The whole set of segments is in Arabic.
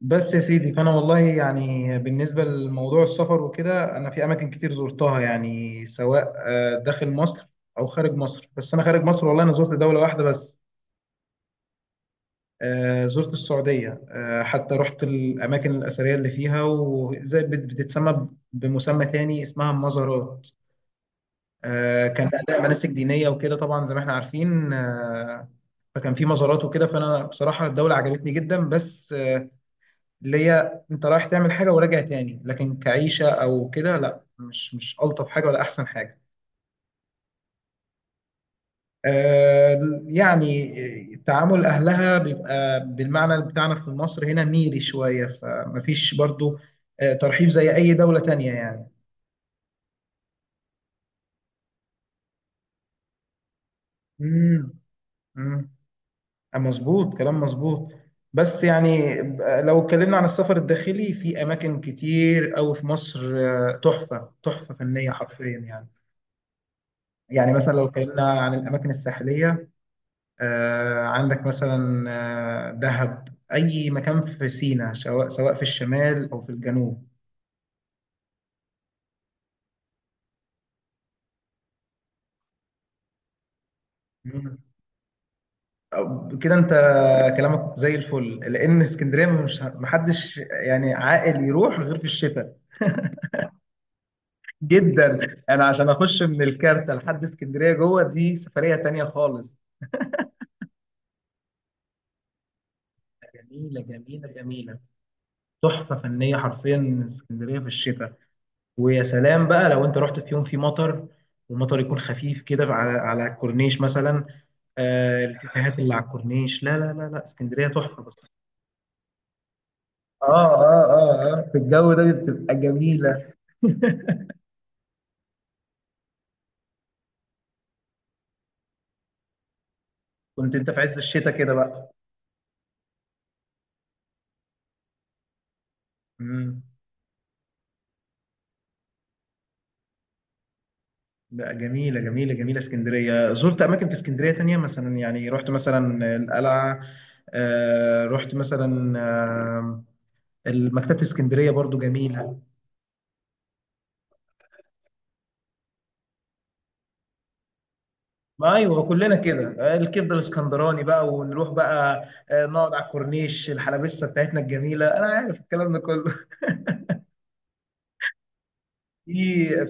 بس يا سيدي فانا والله يعني بالنسبه لموضوع السفر وكده انا في اماكن كتير زرتها يعني سواء داخل مصر او خارج مصر. بس انا خارج مصر والله انا زرت دوله واحده بس. زرت السعوديه، حتى رحت الاماكن الاثريه اللي فيها، وزي بت- بتتسمى ب- بمسمى تاني اسمها المزارات. كان اداء مناسك دينيه وكده، طبعا زي ما احنا عارفين. فكان في مزارات وكده. فانا بصراحه الدوله عجبتني جدا، بس اللي هي انت رايح تعمل حاجه وراجع تاني، لكن كعيشه او كده لا، مش الطف حاجه ولا احسن حاجه. يعني تعامل اهلها بيبقى بالمعنى بتاعنا في مصر هنا ميري شويه، فمفيش برضو ترحيب زي اي دوله تانية يعني. امم امم مظبوط، كلام مظبوط. بس يعني لو اتكلمنا عن السفر الداخلي، في اماكن كتير قوي في مصر، تحفه فنيه حرفيا يعني. يعني مثلا لو اتكلمنا عن الاماكن الساحليه، عندك مثلا دهب، أي مكان في سيناء، سواء في الشمال أو في الجنوب. مم. كده أنت كلامك زي الفل، لأن اسكندرية مش، محدش يعني عاقل يروح غير في الشتاء جدا. أنا عشان أخش من الكارتة لحد اسكندرية جوه، دي سفرية تانية خالص. جميلة جميلة جميلة، تحفة فنية حرفيا اسكندرية في الشتاء. ويا سلام بقى لو انت رحت في يوم في مطر، ومطر يكون خفيف كده على الكورنيش مثلا. آه الكافيهات اللي على الكورنيش، لا اسكندريه تحفه بس. اه اه في الجو ده بتبقى جميلة. كنت انت في عز الشتاء كده بقى. امم لا، جميله جميله جميله اسكندريه. زرت اماكن في اسكندريه تانية مثلا، يعني رحت مثلا القلعه، آه رحت مثلا مكتبه اسكندريه برضو جميله. ما ايوه، كلنا كده، الكبده الاسكندراني بقى ونروح بقى، نقعد على الكورنيش، الحلبسه بتاعتنا الجميله، انا عارف الكلام ده كله. في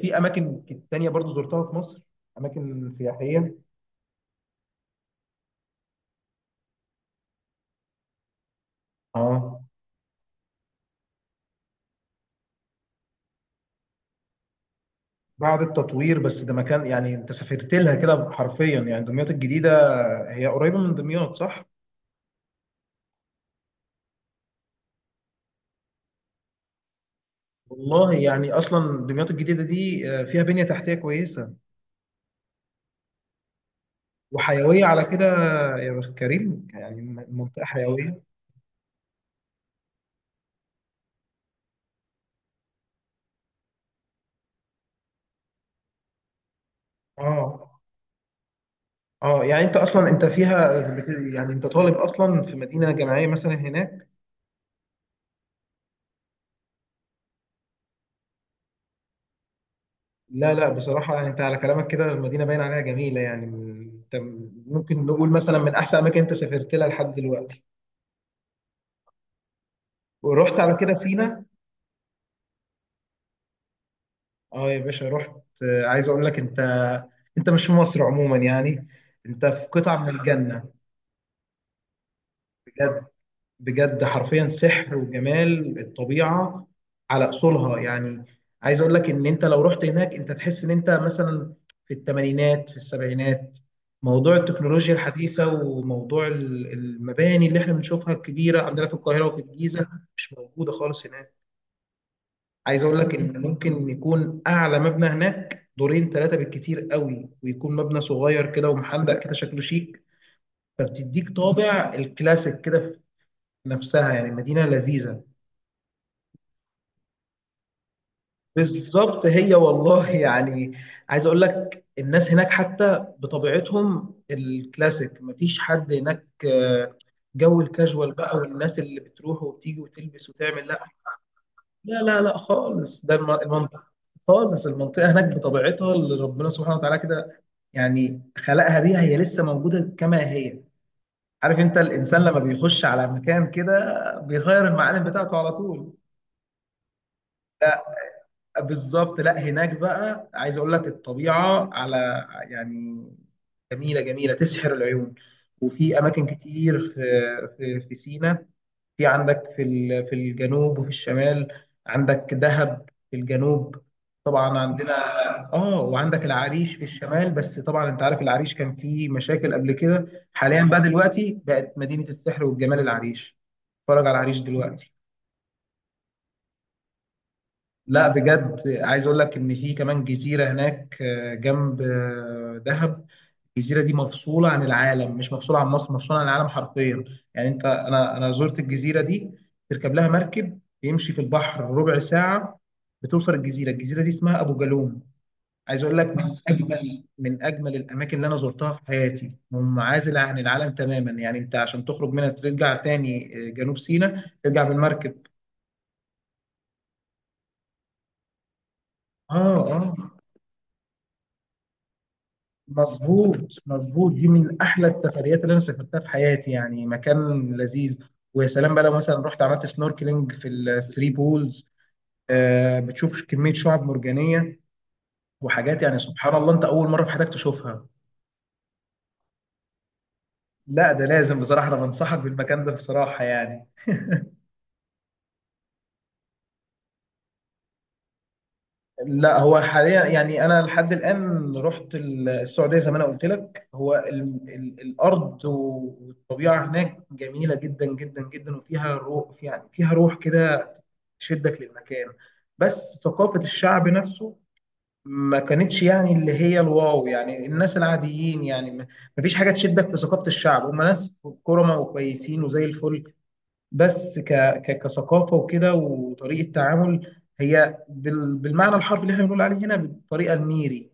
في اماكن تانية برضو زرتها في مصر، اماكن سياحيه. اه بعد التطوير، بس ده مكان يعني انت سافرت لها كده حرفيا يعني. دمياط الجديده هي قريبه من دمياط صح؟ والله يعني اصلا دمياط الجديده دي فيها بنيه تحتيه كويسه وحيويه على كده. يا بخت كريم يعني، منطقه حيويه. اه اه يعني انت اصلا انت فيها يعني انت طالب اصلا في مدينه جامعيه مثلا هناك. لا لا بصراحه يعني انت على كلامك كده المدينه باين عليها جميله، يعني انت ممكن نقول مثلا من احسن اماكن انت سافرت لها لحد دلوقتي ورحت على كده سينا. اه يا باشا رحت. عايز اقول لك انت، انت مش في مصر عموما يعني، انت في قطعه من الجنه. بجد، بجد حرفيا سحر وجمال الطبيعة على أصولها يعني. عايز أقول لك إن أنت لو رحت هناك، أنت تحس إن أنت مثلا في الثمانينات في السبعينات. موضوع التكنولوجيا الحديثة وموضوع المباني اللي احنا بنشوفها الكبيرة عندنا في القاهرة وفي الجيزة مش موجودة خالص هناك. عايز أقول لك إن ممكن يكون أعلى مبنى هناك دورين ثلاثة بالكتير قوي، ويكون مبنى صغير كده ومحندق كده، شكله شيك، فبتديك طابع الكلاسيك كده في نفسها. يعني مدينة لذيذة. بالظبط، هي والله يعني. عايز اقول لك الناس هناك حتى بطبيعتهم الكلاسيك، مفيش حد هناك جو الكاجوال بقى، والناس اللي بتروح وبتيجي وتلبس وتعمل، لا لا خالص. ده المنطقة خالص، المنطقة هناك بطبيعتها اللي ربنا سبحانه وتعالى كده يعني خلقها بيها، هي لسه موجودة كما هي. عارف انت الانسان لما بيخش على مكان كده بيغير المعالم بتاعته على طول. بالظبط، لا هناك بقى عايز اقول لك الطبيعه على، يعني جميله جميله، تسحر العيون. وفي اماكن كتير في في سيناء، في عندك في في الجنوب وفي الشمال. عندك دهب في الجنوب طبعا عندنا، اه وعندك العريش في الشمال. بس طبعا انت عارف العريش كان فيه مشاكل قبل كده، حاليا بقى دلوقتي بقت مدينه السحر والجمال العريش. اتفرج على العريش دلوقتي. لا بجد عايز اقول لك ان في كمان جزيره هناك، جنب دهب. الجزيره دي مفصوله عن العالم، مش مفصوله عن مصر، مفصوله عن العالم حرفيا. يعني انت، انا زرت الجزيره دي، تركب لها مركب يمشي في البحر ربع ساعه بتوصل الجزيره. الجزيره دي اسمها ابو جالوم. عايز اقول لك من اجمل، من اجمل الاماكن اللي انا زرتها في حياتي، منعزله عن العالم تماما. يعني انت عشان تخرج منها ترجع تاني جنوب سيناء ترجع بالمركب. اه اه. مظبوط دي من احلى السفريات اللي انا سافرتها في حياتي، يعني مكان لذيذ. ويا سلام بقى لو مثلا رحت عملت سنوركلينج في الثري بولز، آه بتشوف كميه شعاب مرجانيه وحاجات، يعني سبحان الله، انت اول مره في حياتك تشوفها. لا ده لازم، بصراحه انا بنصحك بالمكان ده بصراحه يعني. لا هو حاليا يعني انا لحد الان رحت السعوديه زي ما انا قلت لك، هو ال الارض والطبيعه هناك جميله جدا جدا جدا، وفيها روح، يعني فيها روح كده تشدك للمكان. بس ثقافه الشعب نفسه ما كانتش، يعني اللي هي الواو، يعني الناس العاديين يعني، ما فيش حاجه تشدك في ثقافه الشعب. هم ناس كرمة وكويسين وزي الفل، بس كثقافه وكده وطريقه تعامل، هي بالمعنى الحرفي اللي احنا بنقول عليه هنا بالطريقه الميري.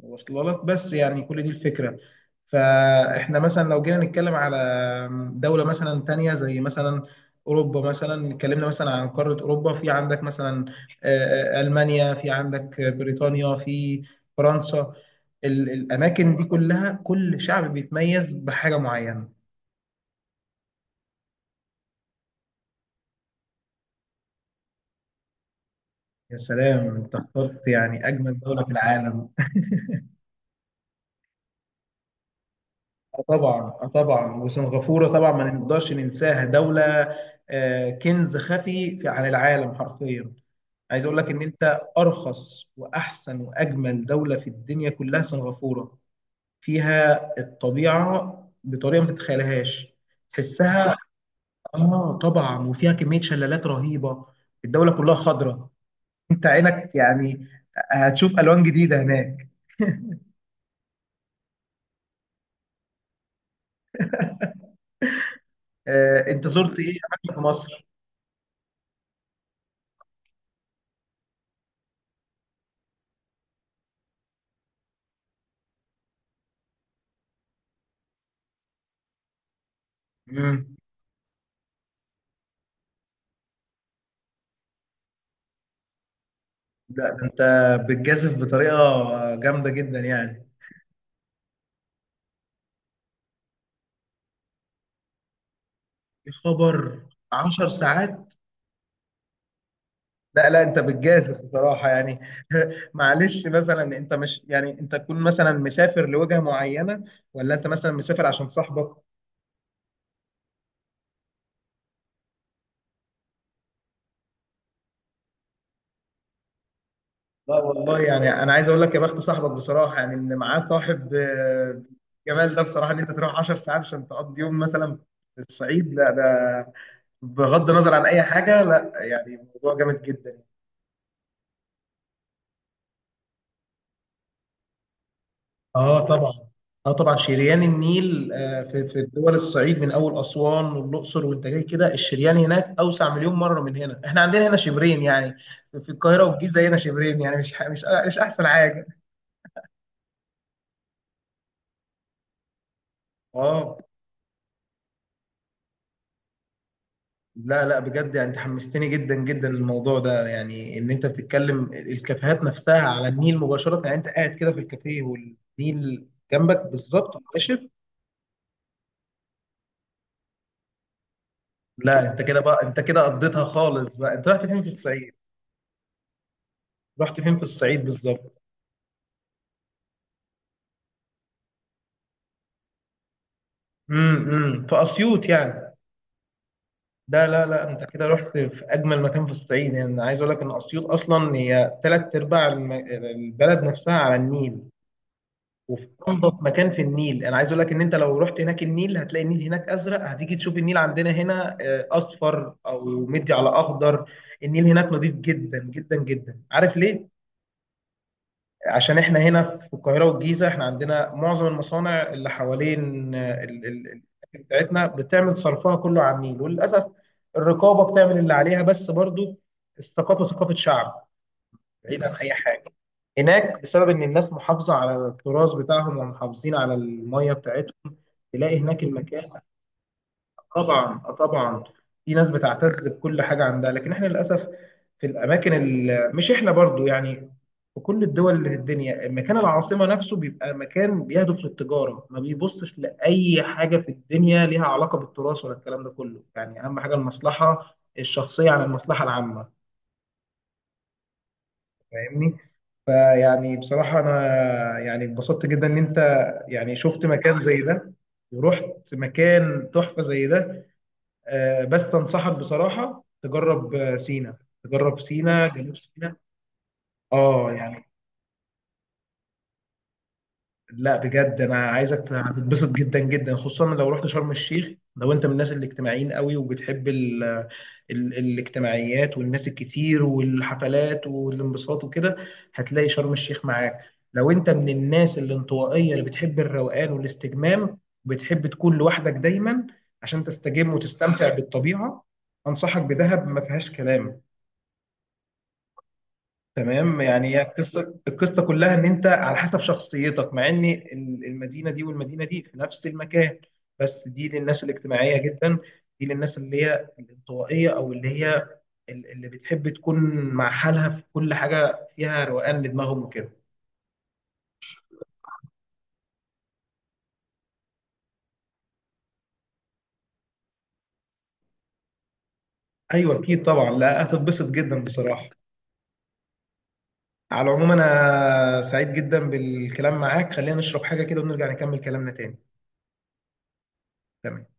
واصله لك؟ بس يعني كل دي الفكره. فاحنا مثلا لو جينا نتكلم على دوله مثلا تانية، زي مثلا اوروبا، مثلا اتكلمنا مثلا عن قاره اوروبا، في عندك مثلا المانيا، في عندك بريطانيا، في فرنسا. الاماكن دي كلها كل شعب بيتميز بحاجه معينه. يا سلام، انت اخترت يعني اجمل دوله في العالم. آه طبعا، آه طبعا. وسنغافورة طبعا ما نقدرش ننساها، دولة كنز خفي في عن العالم حرفيا. عايز اقول لك ان انت ارخص واحسن واجمل دولة في الدنيا كلها سنغافورة. فيها الطبيعة بطريقة ما تتخيلهاش، تحسها. اه طبعا، وفيها كمية شلالات رهيبة. الدولة كلها خضراء. انت عينك يعني هتشوف الوان جديدة هناك. انت زرت ايه اماكن في مصر؟ مم. لا ده انت بتجازف بطريقه جامده جدا يعني. يا خبر، 10 ساعات؟ لا انت بتجازف بصراحه يعني. معلش، مثلا انت مش، يعني انت تكون مثلا مسافر لوجهه معينه، ولا انت مثلا مسافر عشان صاحبك؟ لا والله، يعني انا عايز اقول لك يا بخت صاحبك بصراحه يعني، ان معاه صاحب جمال ده بصراحه، ان انت تروح 10 ساعات عشان تقضي يوم مثلا في الصعيد، لا ده بغض النظر عن اي حاجه، لا يعني موضوع جامد جدا. اه طبعا، اه طبعا. شريان النيل في في دول الصعيد من اول اسوان والاقصر وانت جاي كده، الشريان هناك اوسع مليون مره من هنا. احنا عندنا هنا شبرين يعني، في القاهره والجيزه هنا شبرين يعني، مش احسن حاجه. اه. لا لا بجد يعني انت حمستني جدا جدا للموضوع ده، يعني ان انت بتتكلم الكافيهات نفسها على النيل مباشره، يعني انت قاعد كده في الكافيه والنيل جنبك بالظبط مباشر. لا انت كده بقى، انت كده قضيتها خالص بقى. انت رحت فين في الصعيد؟ رحت فين في الصعيد بالظبط؟ في اسيوط يعني. ده لا لا، انت كده رحت في اجمل مكان في الصعيد يعني. أنا عايز اقول لك ان اسيوط اصلا هي ثلاث ارباع البلد نفسها على النيل، وفي انضف مكان في النيل. انا عايز اقول لك ان انت لو رحت هناك النيل، هتلاقي النيل هناك ازرق. هتيجي تشوف النيل عندنا هنا اصفر او مدي على اخضر. النيل هناك نظيف جدا جدا جدا. عارف ليه؟ عشان احنا هنا في القاهرة والجيزة، احنا عندنا معظم المصانع اللي حوالين الأكل بتاعتنا بتعمل صرفها كله عميل. وللأسف الرقابة بتعمل اللي عليها، بس برضو الثقافة، ثقافة شعب بعيد عن أي حاجة. هناك بسبب إن الناس محافظة على التراث بتاعهم، ومحافظين على المية بتاعتهم، تلاقي هناك المكان. طبعا، آه طبعا. في ناس بتعتز بكل حاجه عندها، لكن احنا للاسف في الاماكن مش احنا برضو يعني، في كل الدول اللي في الدنيا مكان العاصمه نفسه بيبقى مكان بيهدف للتجاره، ما بيبصش لاي حاجه في الدنيا ليها علاقه بالتراث ولا الكلام ده كله، يعني اهم حاجه المصلحه الشخصيه عن المصلحه العامه. فاهمني؟ فيعني بصراحه انا يعني اتبسطت جدا ان انت يعني شفت مكان زي ده، ورحت مكان تحفه زي ده. بس انصحك بصراحه تجرب سينا، تجرب سينا، جنوب سينا. اه يعني لا بجد، انا عايزك هتتبسط جدا جدا، خصوصا لو رحت شرم الشيخ. لو انت من الناس الاجتماعيين قوي وبتحب ال الاجتماعيات والناس الكتير والحفلات والانبساط وكده، هتلاقي شرم الشيخ معاك. لو انت من الناس الانطوائيه اللي بتحب الروقان والاستجمام، وبتحب تكون لوحدك دايما عشان تستجم وتستمتع بالطبيعه، انصحك بدهب، ما فيهاش كلام. تمام، يعني هي القصه، القصه كلها ان انت على حسب شخصيتك، مع ان المدينه دي والمدينه دي في نفس المكان، بس دي للناس الاجتماعيه جدا، دي للناس اللي هي الانطوائيه، او اللي هي اللي بتحب تكون مع حالها في كل حاجه، فيها روقان لدماغهم وكده. ايوه اكيد طبعا، لا هتتبسط جدا بصراحه. على العموم انا سعيد جدا بالكلام معاك، خلينا نشرب حاجه كده ونرجع نكمل كلامنا تاني. تمام.